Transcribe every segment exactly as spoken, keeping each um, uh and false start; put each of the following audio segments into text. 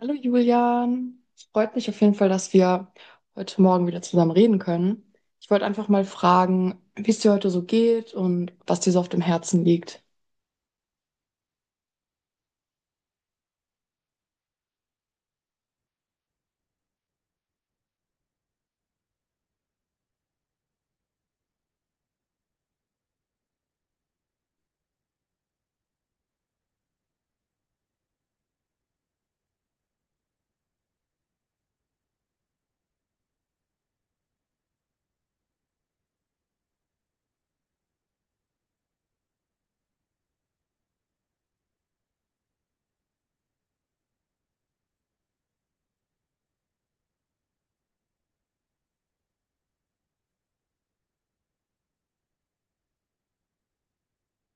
Hallo Julian, es freut mich auf jeden Fall, dass wir heute Morgen wieder zusammen reden können. Ich wollte einfach mal fragen, wie es dir heute so geht und was dir so auf dem Herzen liegt.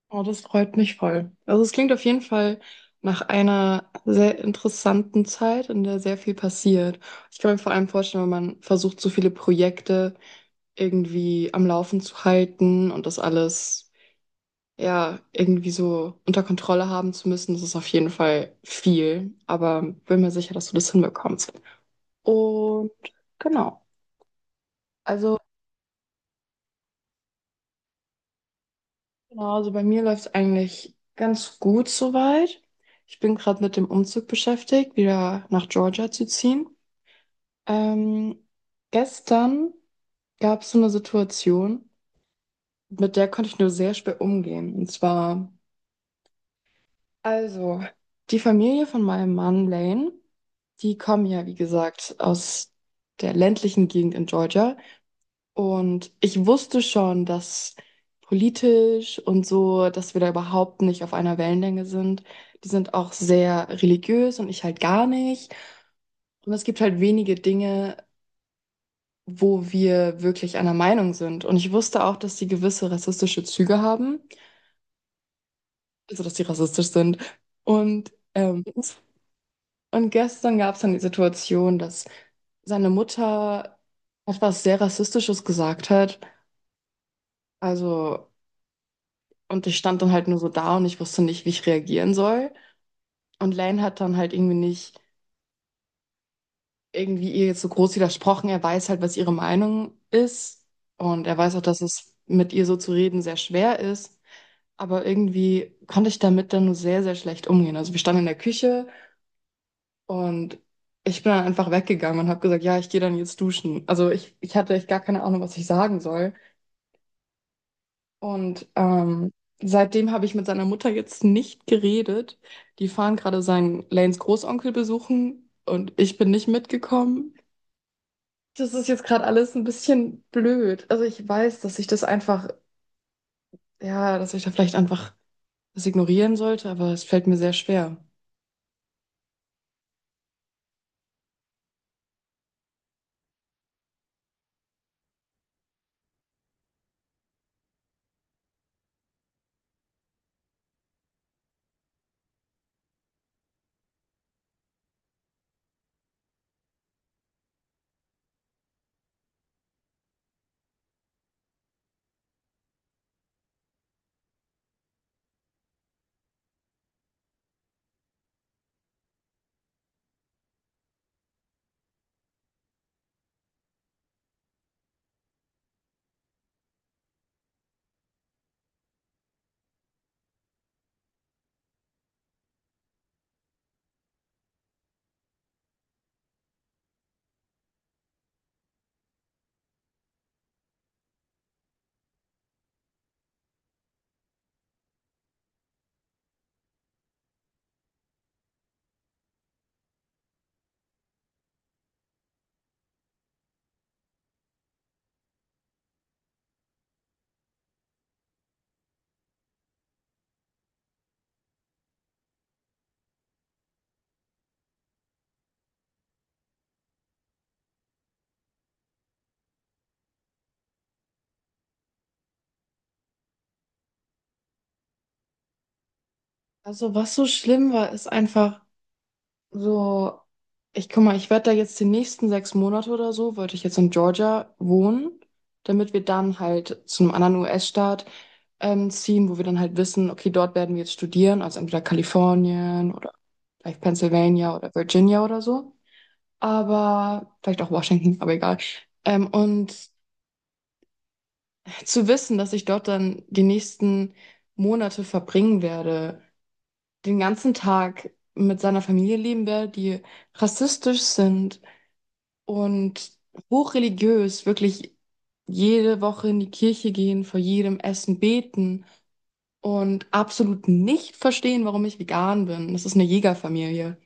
Oh, das freut mich voll. Also es klingt auf jeden Fall nach einer sehr interessanten Zeit, in der sehr viel passiert. Ich kann mir vor allem vorstellen, wenn man versucht, so viele Projekte irgendwie am Laufen zu halten und das alles, ja, irgendwie so unter Kontrolle haben zu müssen. Das ist auf jeden Fall viel, aber bin mir sicher, dass du das hinbekommst. Und genau, also genau, also bei mir läuft es eigentlich ganz gut soweit. Ich bin gerade mit dem Umzug beschäftigt, wieder nach Georgia zu ziehen. Ähm, Gestern gab es so eine Situation, mit der konnte ich nur sehr schwer umgehen. Und zwar Also, die Familie von meinem Mann Lane, die kommen ja, wie gesagt, aus der ländlichen Gegend in Georgia. Und ich wusste schon, dass politisch und so, dass wir da überhaupt nicht auf einer Wellenlänge sind. Die sind auch sehr religiös und ich halt gar nicht. Und es gibt halt wenige Dinge, wo wir wirklich einer Meinung sind. Und ich wusste auch, dass sie gewisse rassistische Züge haben, also dass sie rassistisch sind. Und ähm, Und gestern gab es dann die Situation, dass seine Mutter etwas sehr Rassistisches gesagt hat. Also, und ich stand dann halt nur so da und ich wusste nicht, wie ich reagieren soll. Und Lane hat dann halt irgendwie nicht irgendwie ihr jetzt so groß widersprochen. Er weiß halt, was ihre Meinung ist. Und er weiß auch, dass es mit ihr so zu reden sehr schwer ist. Aber irgendwie konnte ich damit dann nur sehr, sehr schlecht umgehen. Also wir standen in der Küche. Und ich bin dann einfach weggegangen und habe gesagt, ja, ich gehe dann jetzt duschen. Also ich, ich hatte echt gar keine Ahnung, was ich sagen soll. Und ähm, seitdem habe ich mit seiner Mutter jetzt nicht geredet. Die fahren gerade seinen Lanes Großonkel besuchen und ich bin nicht mitgekommen. Das ist jetzt gerade alles ein bisschen blöd. Also ich weiß, dass ich das einfach, ja, dass ich da vielleicht einfach das ignorieren sollte, aber es fällt mir sehr schwer. Also was so schlimm war, ist einfach, so, ich guck mal, ich werde da jetzt die nächsten sechs Monate oder so, wollte ich jetzt in Georgia wohnen, damit wir dann halt zu einem anderen U S-Staat ähm, ziehen, wo wir dann halt wissen, okay, dort werden wir jetzt studieren, also entweder Kalifornien oder vielleicht Pennsylvania oder Virginia oder so, aber vielleicht auch Washington, aber egal. Ähm, und zu wissen, dass ich dort dann die nächsten Monate verbringen werde, den ganzen Tag mit seiner Familie leben werde, die rassistisch sind, und hochreligiös, wirklich jede Woche in die Kirche gehen, vor jedem Essen beten und absolut nicht verstehen, warum ich vegan bin. Das ist eine Jägerfamilie.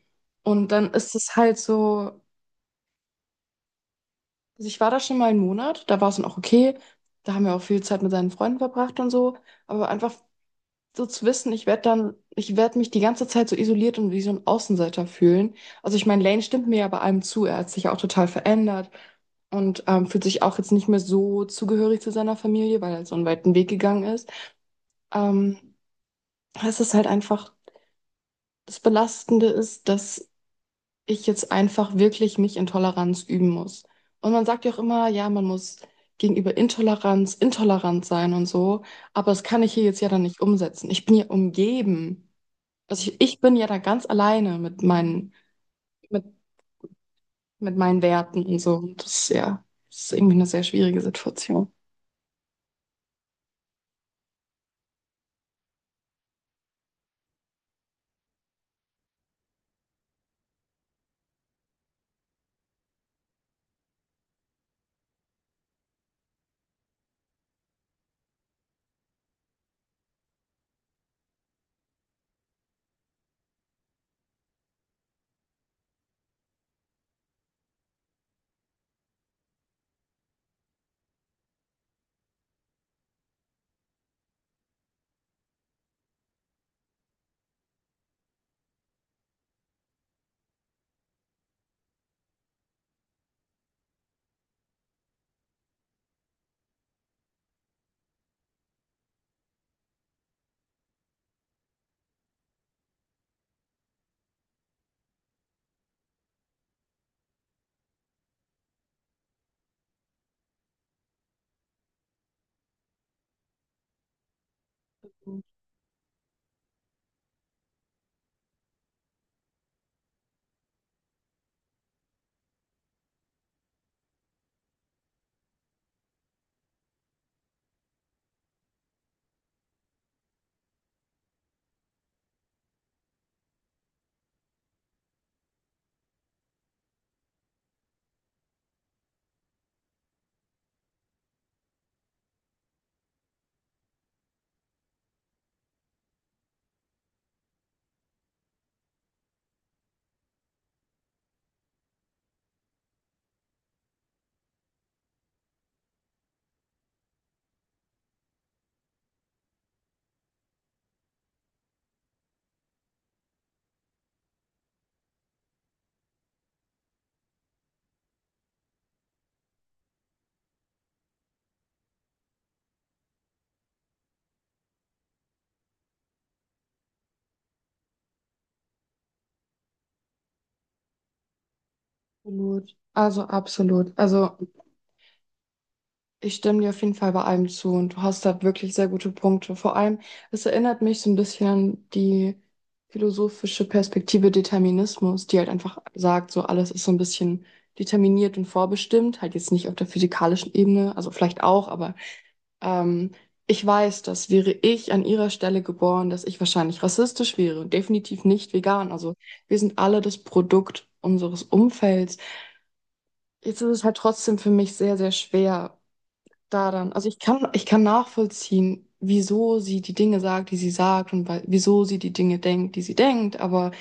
Und dann ist es halt so, also ich war da schon mal einen Monat, da war es dann auch okay, da haben wir auch viel Zeit mit seinen Freunden verbracht und so, aber einfach so zu wissen, ich werde dann, ich werde mich die ganze Zeit so isoliert und wie so ein Außenseiter fühlen. Also ich meine, Lane stimmt mir ja bei allem zu. Er hat sich ja auch total verändert und ähm, fühlt sich auch jetzt nicht mehr so zugehörig zu seiner Familie, weil er so einen weiten Weg gegangen ist. Ähm, Es ist halt einfach, das Belastende ist, dass ich jetzt einfach wirklich mich in Toleranz üben muss. Und man sagt ja auch immer, ja, man muss gegenüber Intoleranz intolerant sein und so, aber das kann ich hier jetzt ja dann nicht umsetzen. Ich bin ja umgeben. Also ich, ich bin ja da ganz alleine mit meinen, mit, mit meinen, Werten und so. Und das ist ja, das ist irgendwie eine sehr schwierige Situation. Absolut. Also absolut. Also ich stimme dir auf jeden Fall bei allem zu und du hast da wirklich sehr gute Punkte. Vor allem, es erinnert mich so ein bisschen an die philosophische Perspektive Determinismus, die halt einfach sagt, so alles ist so ein bisschen determiniert und vorbestimmt, halt jetzt nicht auf der physikalischen Ebene, also vielleicht auch, aber Ähm, ich weiß, dass wäre ich an ihrer Stelle geboren, dass ich wahrscheinlich rassistisch wäre und definitiv nicht vegan. Also wir sind alle das Produkt unseres Umfelds. Jetzt ist es halt trotzdem für mich sehr, sehr schwer da dann. Also ich kann, ich kann nachvollziehen, wieso sie die Dinge sagt, die sie sagt und weil, wieso sie die Dinge denkt, die sie denkt, aber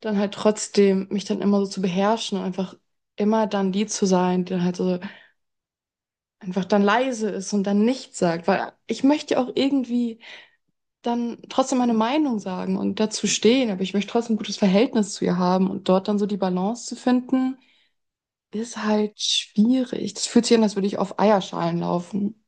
dann halt trotzdem mich dann immer so zu beherrschen und einfach immer dann die zu sein, die dann halt so einfach dann leise ist und dann nichts sagt, weil ich möchte ja auch irgendwie dann trotzdem meine Meinung sagen und dazu stehen, aber ich möchte trotzdem ein gutes Verhältnis zu ihr haben und dort dann so die Balance zu finden, ist halt schwierig. Das fühlt sich an, als würde ich auf Eierschalen laufen.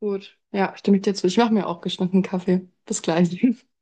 Gut, ja, stimme ich dir zu. Ich mache mir auch geschnittenen Kaffee. Bis gleich.